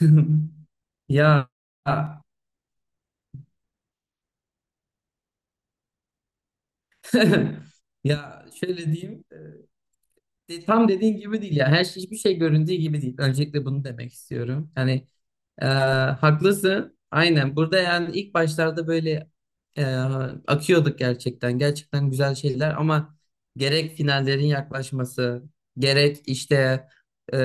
Ya ya şöyle diyeyim. Tam dediğin gibi değil ya. Her şey hiçbir şey göründüğü gibi değil. Öncelikle bunu demek istiyorum. E, Haklısın. Aynen. Burada yani ilk başlarda böyle e, akıyorduk gerçekten. Gerçekten güzel şeyler ama gerek finallerin yaklaşması, gerek işte e,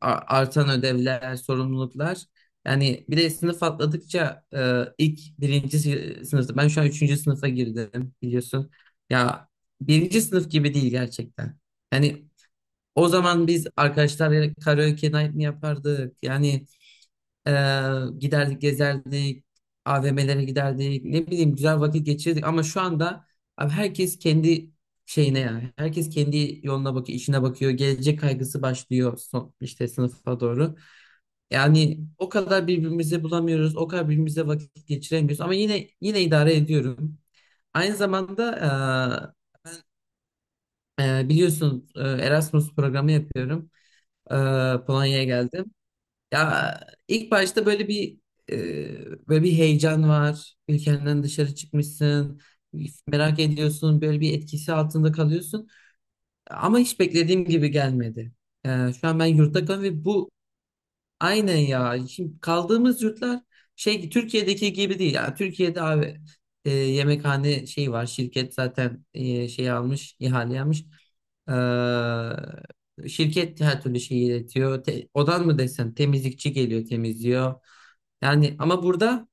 artan ödevler, sorumluluklar. Yani bir de sınıf atladıkça ilk sınıfta. Ben şu an üçüncü sınıfa girdim biliyorsun. Ya birinci sınıf gibi değil gerçekten. Hani o zaman biz arkadaşlarla karaoke night mi yapardık? E, Giderdik gezerdik, AVM'lere giderdik, ne bileyim güzel vakit geçirdik. Ama şu anda abi herkes kendi şeyine yani. Herkes kendi yoluna bakıyor, işine bakıyor. Gelecek kaygısı başlıyor son, işte sınıfa doğru. Yani o kadar birbirimizi bulamıyoruz, o kadar birbirimize vakit geçiremiyoruz. Ama yine idare ediyorum. Aynı zamanda biliyorsun, Erasmus programı yapıyorum. E, Polonya'ya geldim. Ya ilk başta böyle bir heyecan var. Ülkenden dışarı çıkmışsın. Merak ediyorsun. Böyle bir etkisi altında kalıyorsun. Ama hiç beklediğim gibi gelmedi. Şu an ben yurtta kalıyorum ve bu Aynen ya. Şimdi kaldığımız yurtlar şey Türkiye'deki gibi değil. Yani Türkiye'de abi, yemekhane şey var. Şirket zaten şey almış, ihale almış. Şirket her türlü şeyi iletiyor. Odan mı desen temizlikçi geliyor, temizliyor. Yani ama burada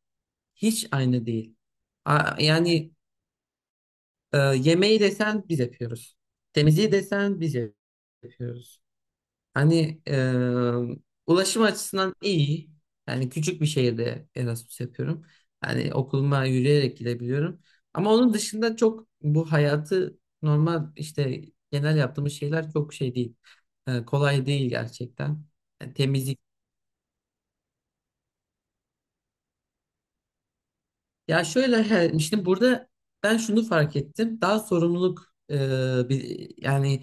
hiç aynı değil. Yani yemeği desen biz yapıyoruz. Temizliği desen biz yapıyoruz. Hani e, Ulaşım açısından iyi. Yani küçük bir şehirde Erasmus yapıyorum. Hani okuluma yürüyerek gidebiliyorum. Ama onun dışında çok bu hayatı normal işte genel yaptığımız şeyler çok şey değil. Kolay değil gerçekten. Yani temizlik. Ya şöyle he, işte burada ben şunu fark ettim. Daha sorumluluk bir, yani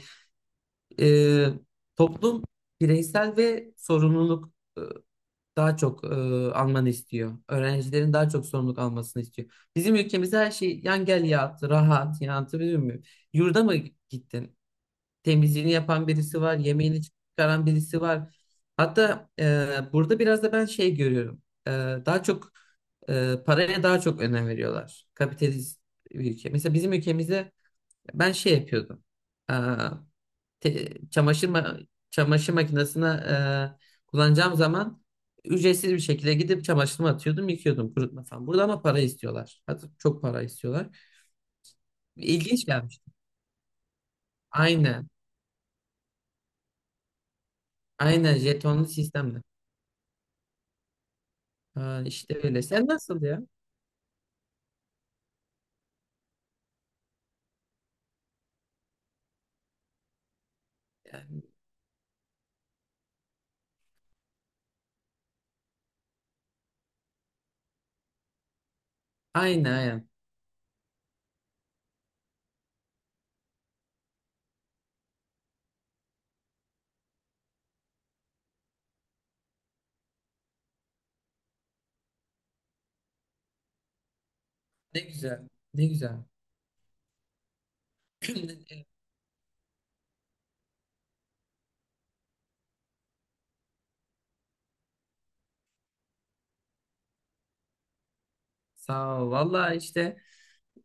e, toplum bireysel ve sorumluluk daha çok almanı istiyor. Öğrencilerin daha çok sorumluluk almasını istiyor. Bizim ülkemizde her şey yan gel yat, rahat, yani anlatabiliyor muyum? Yurda mı gittin? Temizliğini yapan birisi var, yemeğini çıkaran birisi var. Hatta burada biraz da ben şey görüyorum. Daha çok paraya daha çok önem veriyorlar. Kapitalist bir ülke. Mesela bizim ülkemizde ben şey yapıyordum, çamaşır çamaşır makinesine kullanacağım zaman ücretsiz bir şekilde gidip çamaşırımı atıyordum, yıkıyordum kurutma falan. Burada ama para istiyorlar. Hatta çok para istiyorlar. İlginç gelmişti. Aynen. Aynen jetonlu sistemde. Ha, işte öyle. Sen nasıl ya? Yani, aynen, aynen. Ne güzel. Ne güzel. Sağ ol. Valla işte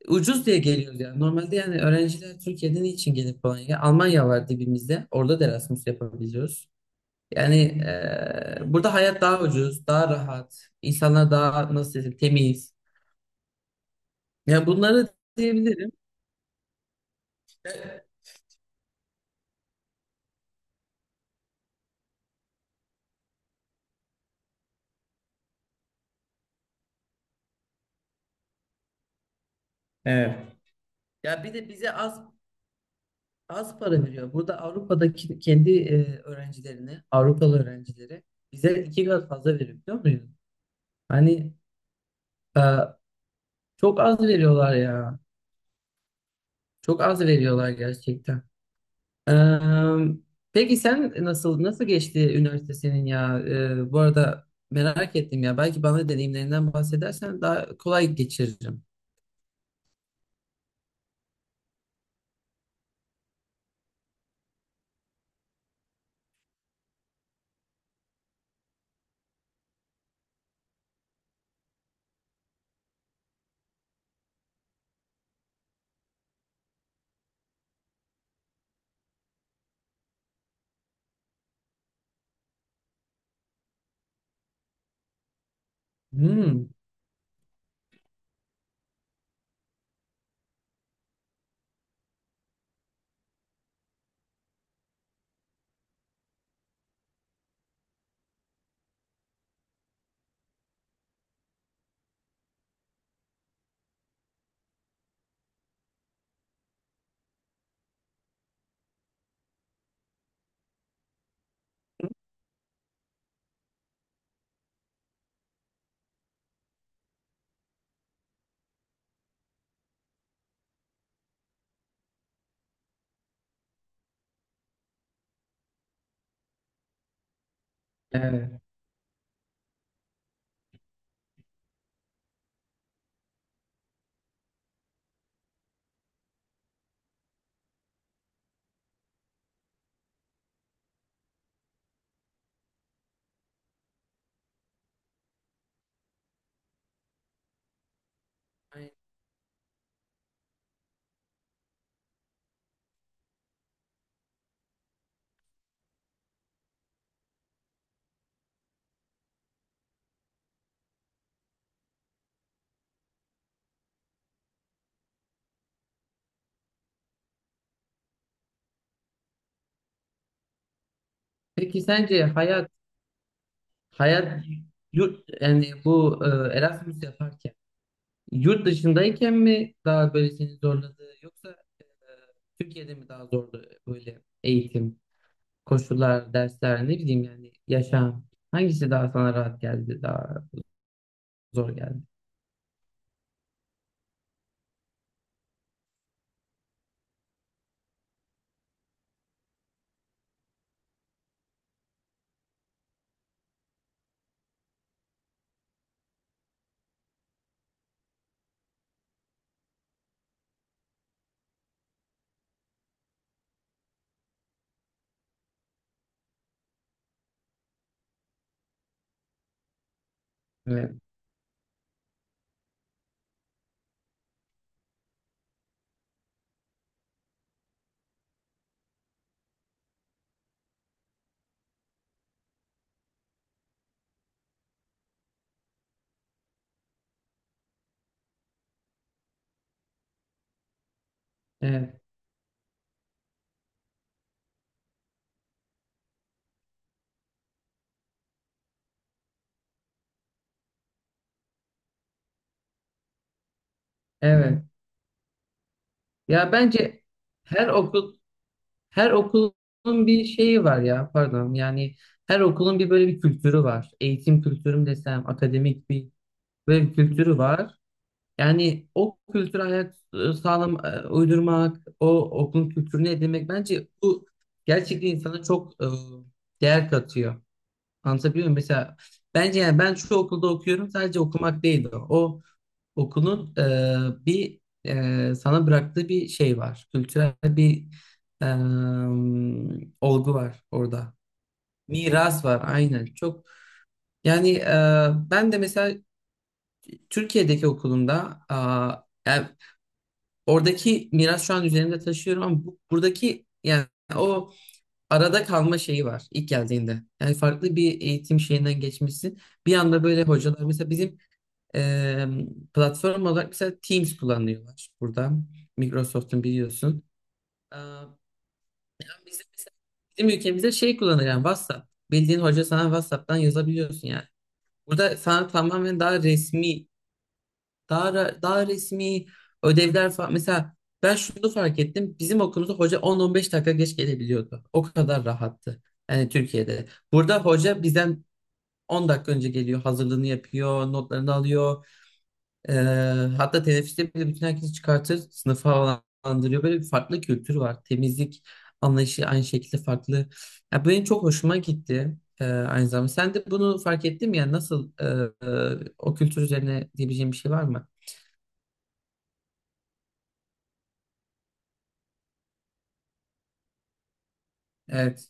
ucuz diye geliyoruz yani. Normalde yani öğrenciler Türkiye'den için gelip Polonya'ya? Almanya var dibimizde. Orada da Erasmus yapabiliyoruz. Yani burada hayat daha ucuz, daha rahat, insanlar daha nasıl desem temiz. Ya bunları diyebilirim. Evet. Ya bir de bize az para veriyor. Burada Avrupa'daki kendi öğrencilerine, Avrupalı öğrencilere bize iki kat fazla veriyor biliyor musun? Hani e, Çok az veriyorlar ya. Çok az veriyorlar gerçekten. Eee, peki sen nasıl geçti üniversite senin ya? Bu arada merak ettim ya. Belki bana deneyimlerinden bahsedersen daha kolay geçiririm. Hmm, evet. Peki sence hayat hayat yurt yani bu Erasmus yaparken yurt dışındayken mi daha böyle seni zorladı yoksa Türkiye'de mi daha zordu böyle eğitim, koşullar, dersler ne bileyim yani yaşam hangisi daha sana rahat geldi daha zor geldi? Evet, evet, evet. Ya bence her okul her okulun bir şeyi var ya pardon yani her okulun bir böyle bir kültürü var. Eğitim kültürü mü desem akademik bir böyle bir kültürü var. Yani o kültürü hayat sağlam uydurmak, o okulun kültürünü edinmek bence bu gerçekten insana çok değer katıyor. Anlatabiliyor muyum? Mesela bence yani ben şu okulda okuyorum sadece okumak değil o. O okulun bir, sana bıraktığı bir şey var. Kültürel bir e, olgu var orada. Miras var aynen. Çok yani, ben de mesela Türkiye'deki okulumda a, yani oradaki miras şu an üzerinde taşıyorum ama buradaki yani o arada kalma şeyi var ilk geldiğinde. Yani farklı bir eğitim şeyinden geçmişsin. Bir anda böyle hocalar mesela bizim Eee, platform olarak mesela Teams kullanıyorlar burada. Microsoft'un biliyorsun. Eee, bizim, mesela- Bizim ülkemizde şey kullanıyor yani WhatsApp. Bildiğin hoca sana WhatsApp'tan yazabiliyorsun yani. Burada sana tamamen daha resmi, daha resmi ödevler falan. Mesela ben şunu fark ettim. Bizim okulumuzda hoca 10-15 dakika geç gelebiliyordu. O kadar rahattı. Yani Türkiye'de. Burada hoca bizden 10 dakika önce geliyor, hazırlığını yapıyor, notlarını alıyor. Ee, Hatta teneffüste bile bütün herkesi çıkartır, sınıfı havalandırıyor. Böyle bir farklı kültür var. Temizlik anlayışı aynı şekilde farklı. Ya bu benim çok hoşuma gitti, aynı zamanda. Sen de bunu fark ettin mi? Yani nasıl o kültür üzerine diyebileceğim bir şey var mı? Evet.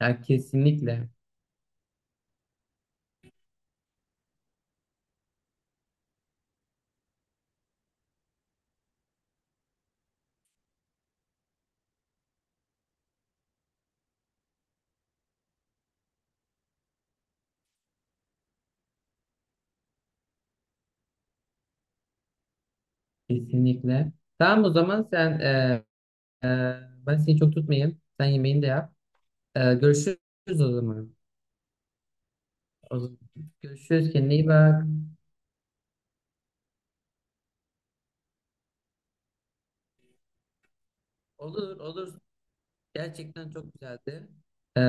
Ya kesinlikle. Kesinlikle. Tamam o zaman e, ben seni çok tutmayayım. Sen yemeğini de yap. Görüşürüz o zaman. O zaman. Görüşürüz. Kendine iyi bak. Olur, olur. Gerçekten çok güzeldi. Ee,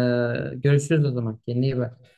Görüşürüz o zaman. Kendine iyi bak.